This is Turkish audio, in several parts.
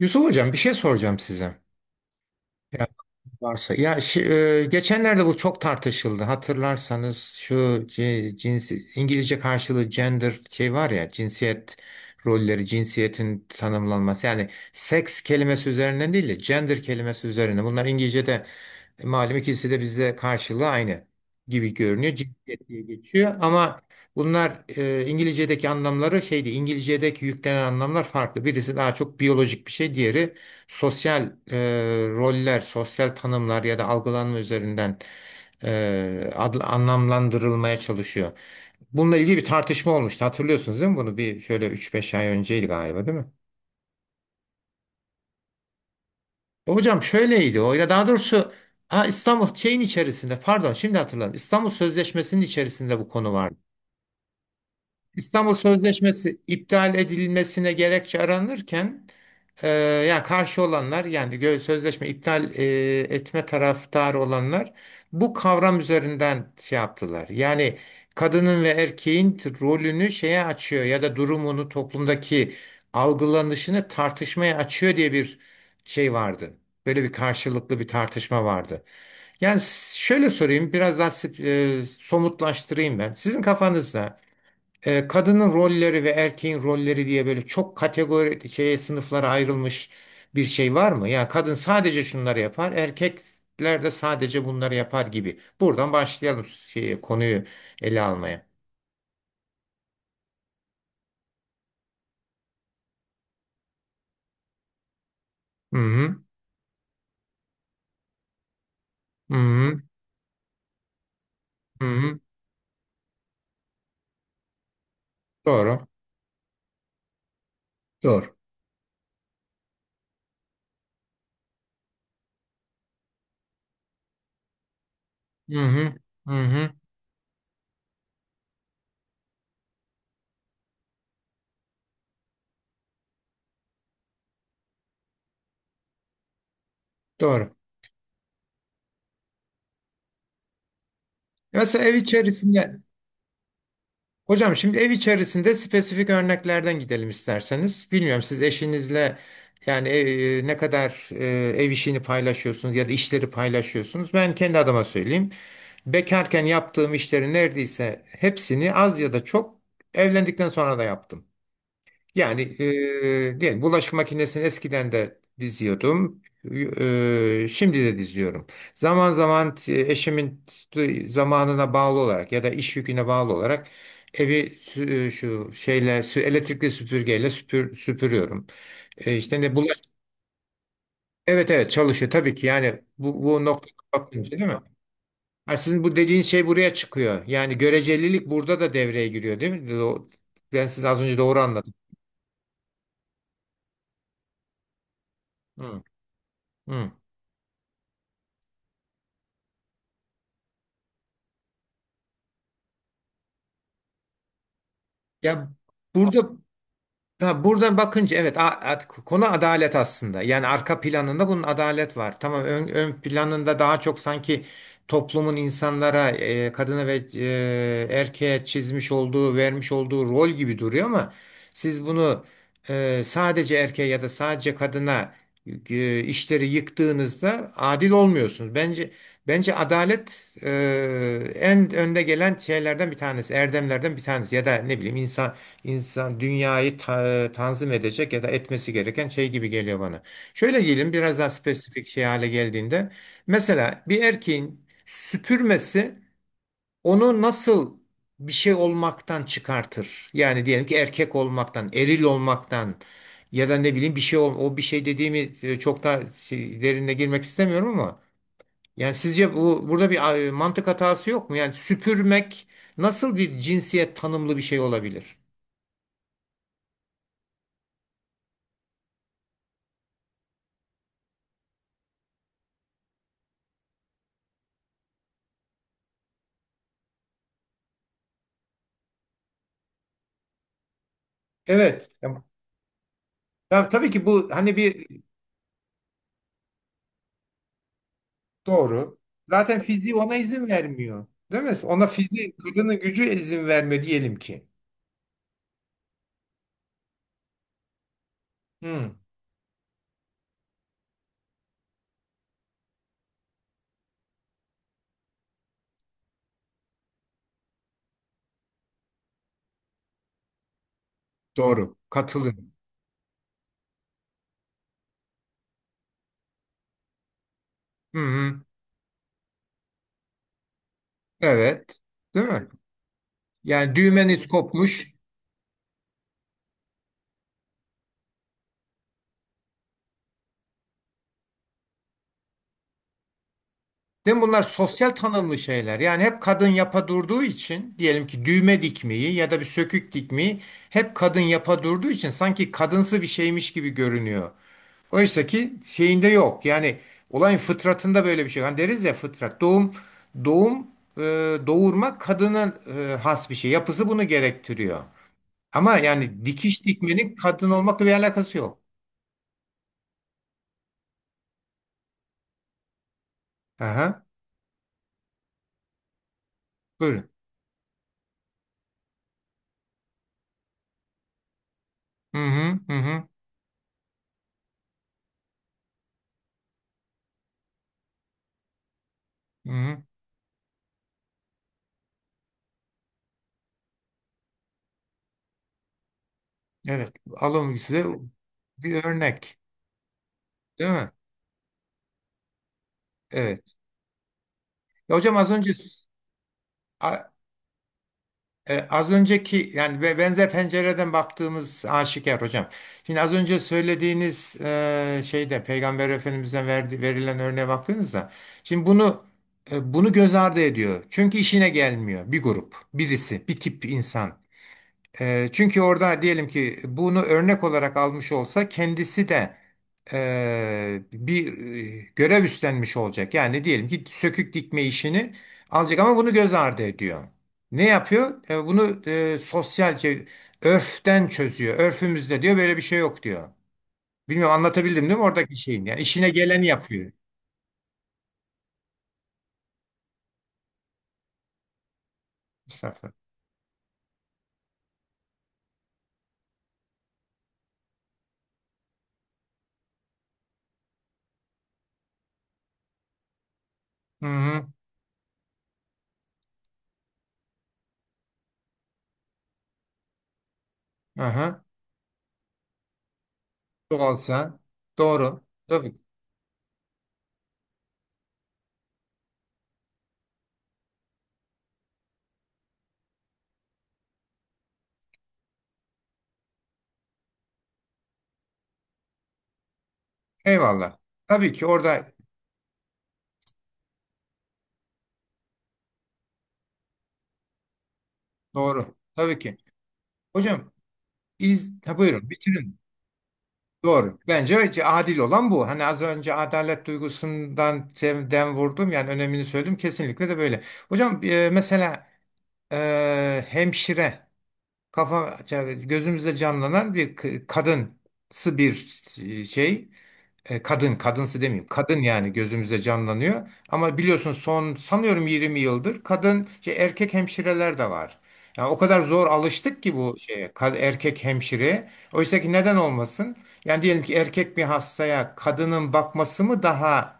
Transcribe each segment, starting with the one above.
Yusuf Hocam bir şey soracağım size. Yani varsa. Ya geçenlerde bu çok tartışıldı. Hatırlarsanız şu cinsi İngilizce karşılığı gender şey var ya cinsiyet rolleri, cinsiyetin tanımlanması. Yani seks kelimesi üzerinden değil de gender kelimesi üzerine. Bunlar İngilizce'de malum ikisi de bizde karşılığı aynı gibi görünüyor. Cinsiyet diye geçiyor ama bunlar İngilizce'deki anlamları şeydi. İngilizce'deki yüklenen anlamlar farklı. Birisi daha çok biyolojik bir şey, diğeri sosyal roller, sosyal tanımlar ya da algılanma üzerinden anlamlandırılmaya çalışıyor. Bununla ilgili bir tartışma olmuştu. Hatırlıyorsunuz değil mi bunu? Bir şöyle üç beş ay önceydi galiba değil mi? Hocam şöyleydi o ya daha doğrusu ha, İstanbul şeyin içerisinde, pardon, şimdi hatırladım. İstanbul Sözleşmesi'nin içerisinde bu konu vardı. İstanbul Sözleşmesi iptal edilmesine gerekçe aranırken e, ya karşı olanlar, yani sözleşme iptal etme taraftarı olanlar bu kavram üzerinden şey yaptılar. Yani kadının ve erkeğin rolünü şeye açıyor ya da durumunu toplumdaki algılanışını tartışmaya açıyor diye bir şey vardı. Böyle bir karşılıklı bir tartışma vardı. Yani şöyle sorayım, biraz daha somutlaştırayım ben. Sizin kafanızda kadının rolleri ve erkeğin rolleri diye böyle çok kategori şeye, sınıflara ayrılmış bir şey var mı? Yani kadın sadece şunları yapar, erkekler de sadece bunları yapar gibi. Buradan başlayalım şeyi, konuyu ele almaya. Hı hı, hı hı, hı hı. Doğru, doğru. Hı hı, hı hı, doğru. Mesela ev içerisinde. Hocam, şimdi ev içerisinde spesifik örneklerden gidelim isterseniz. Bilmiyorum, siz eşinizle yani ne kadar ev işini paylaşıyorsunuz ya da işleri paylaşıyorsunuz. Ben kendi adıma söyleyeyim. Bekarken yaptığım işlerin neredeyse hepsini az ya da çok evlendikten sonra da yaptım. Yani diyelim bulaşık makinesini eskiden de diziyordum. Şimdi de diziyorum. Zaman zaman eşimin zamanına bağlı olarak ya da iş yüküne bağlı olarak evi şu şeyle elektrikli süpürgeyle süpürüyorum. E, işte ne bulaş Evet, evet, çalışıyor tabii ki. Yani bu noktada bakınca, değil mi? Ha, Sizin bu dediğiniz şey buraya çıkıyor. Yani görecelilik burada da devreye giriyor değil mi? Ben size az önce doğru anladım. Hı, hı. Ya burada ha, buradan bakınca evet, konu adalet aslında. Yani arka planında bunun adalet var. Tamam, ön, ön planında daha çok sanki toplumun insanlara kadına ve erkeğe çizmiş olduğu, vermiş olduğu rol gibi duruyor ama siz bunu sadece erkeğe ya da sadece kadına işleri yıktığınızda adil olmuyorsunuz. bence adalet en önde gelen şeylerden bir tanesi, erdemlerden bir tanesi, ya da ne bileyim, insan dünyayı tanzim edecek ya da etmesi gereken şey gibi geliyor bana. Şöyle diyelim, biraz daha spesifik şey hale geldiğinde mesela bir erkeğin süpürmesi onu nasıl bir şey olmaktan çıkartır? Yani diyelim ki erkek olmaktan, eril olmaktan ya da ne bileyim bir şey o bir şey dediğimi çok da derinine girmek istemiyorum ama yani sizce bu burada bir mantık hatası yok mu? Yani süpürmek nasıl bir cinsiyet tanımlı bir şey olabilir? Evet. Ya tabii ki bu hani bir. Doğru. Zaten fiziği ona izin vermiyor. Değil mi? Ona fiziği, kadının gücü izin vermiyor diyelim ki. Hı, doğru. Katılıyorum. Hı hı. Evet. Değil mi? Yani düğmeniz kopmuş. Değil mi? Bunlar sosyal tanımlı şeyler. Yani hep kadın yapa durduğu için diyelim ki düğme dikmeyi ya da bir sökük dikmeyi hep kadın yapa durduğu için sanki kadınsı bir şeymiş gibi görünüyor. Oysa ki şeyinde yok. Yani olayın fıtratında böyle bir şey. Hani deriz ya, fıtrat, doğum e, doğurma kadına has bir şey. Yapısı bunu gerektiriyor. Ama yani dikiş dikmenin kadın olmakla bir alakası yok. Aha, buyurun. Hı hı, hı hı. Hı hı. Evet, alım size bir örnek, değil mi? Evet. Ya hocam, a- az önceki yani ve benzer pencereden baktığımız aşikar hocam. Şimdi az önce söylediğiniz şeyde Peygamber Efendimiz'den verilen örneğe baktığınızda şimdi bunu, bunu göz ardı ediyor. Çünkü işine gelmiyor bir grup, birisi, bir tip insan. Çünkü orada diyelim ki bunu örnek olarak almış olsa kendisi de bir görev üstlenmiş olacak. Yani diyelim ki sökük dikme işini alacak ama bunu göz ardı ediyor. Ne yapıyor? Bunu sosyalce örften çözüyor. Örfümüzde diyor böyle bir şey yok diyor. Bilmiyorum, anlatabildim değil mi oradaki şeyin? Yani işine geleni yapıyor, Mustafa. Hı hı. Aha. Olsa doğru. Tabii ki. Eyvallah. Tabii ki orada doğru. Tabii ki. Hocam, ha, buyurun, bitirin. Doğru. Bence adil olan bu. Hani az önce adalet duygusundan dem vurdum, yani önemini söyledim. Kesinlikle de böyle. Hocam mesela hemşire kafa gözümüzde canlanan bir kadınsı bir şey. Kadın, kadınsı demeyeyim. Kadın yani gözümüze canlanıyor. Ama biliyorsun, son sanıyorum 20 yıldır erkek hemşireler de var. Yani o kadar zor alıştık ki bu şeye, erkek hemşire. Oysa ki neden olmasın? Yani diyelim ki erkek bir hastaya kadının bakması mı daha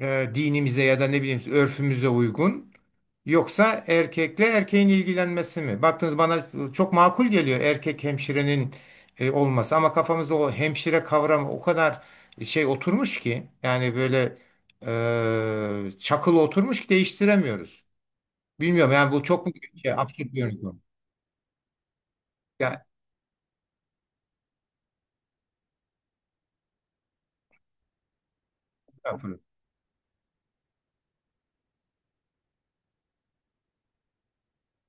dinimize ya da ne bileyim örfümüze uygun? Yoksa erkekle erkeğin ilgilenmesi mi? Baktınız, bana çok makul geliyor erkek hemşirenin olması ama kafamızda o hemşire kavramı o kadar şey oturmuş ki, yani böyle çakılı oturmuş ki değiştiremiyoruz. Bilmiyorum, yani bu çok mu şey, absürt bir yöntem. Ya,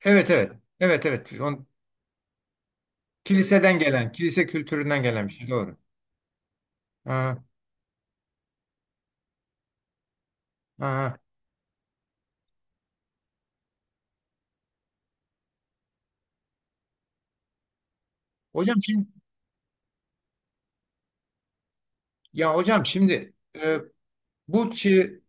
evet, evet. Evet, evet. Kiliseden gelen, kilise kültüründen gelen bir şey, doğru. Ha, ha. Hocam şimdi, ya hocam şimdi e, bu şey.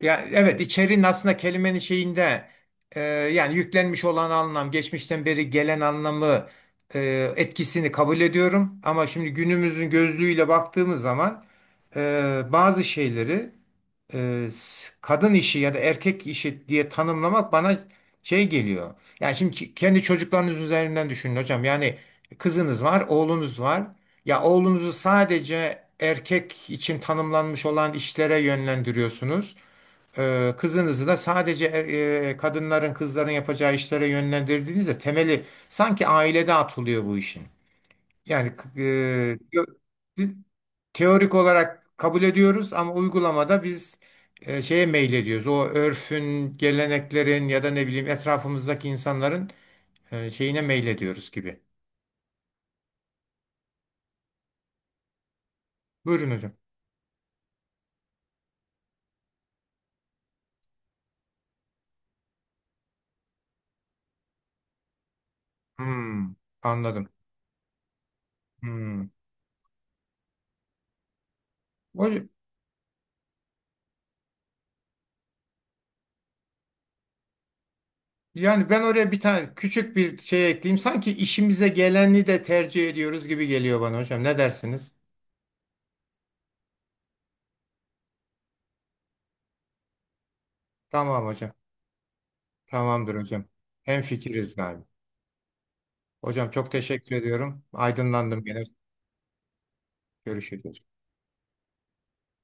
Ya evet, içeriğin aslında kelimenin şeyinde yani yüklenmiş olan anlam, geçmişten beri gelen anlamı etkisini kabul ediyorum. Ama şimdi günümüzün gözlüğüyle baktığımız zaman bazı şeyleri kadın işi ya da erkek işi diye tanımlamak bana şey geliyor. Yani şimdi kendi çocuklarınız üzerinden düşünün hocam. Yani kızınız var, oğlunuz var. Ya oğlunuzu sadece erkek için tanımlanmış olan işlere yönlendiriyorsunuz, kızınızı da sadece kadınların, kızların yapacağı işlere yönlendirdiğinizde temeli sanki ailede atılıyor bu işin. Yani te- teorik olarak kabul ediyoruz ama uygulamada biz şeye meylediyoruz. O örfün, geleneklerin ya da ne bileyim etrafımızdaki insanların şeyine meylediyoruz gibi. Buyurun hocam. Hmm, anladım. Hmm. Hocam, yani ben oraya bir tane küçük bir şey ekleyeyim. Sanki işimize geleni de tercih ediyoruz gibi geliyor bana hocam. Ne dersiniz? Tamam hocam. Tamamdır hocam. Hemfikiriz abi. Hocam, çok teşekkür ediyorum. Aydınlandım gene. Görüşürüz.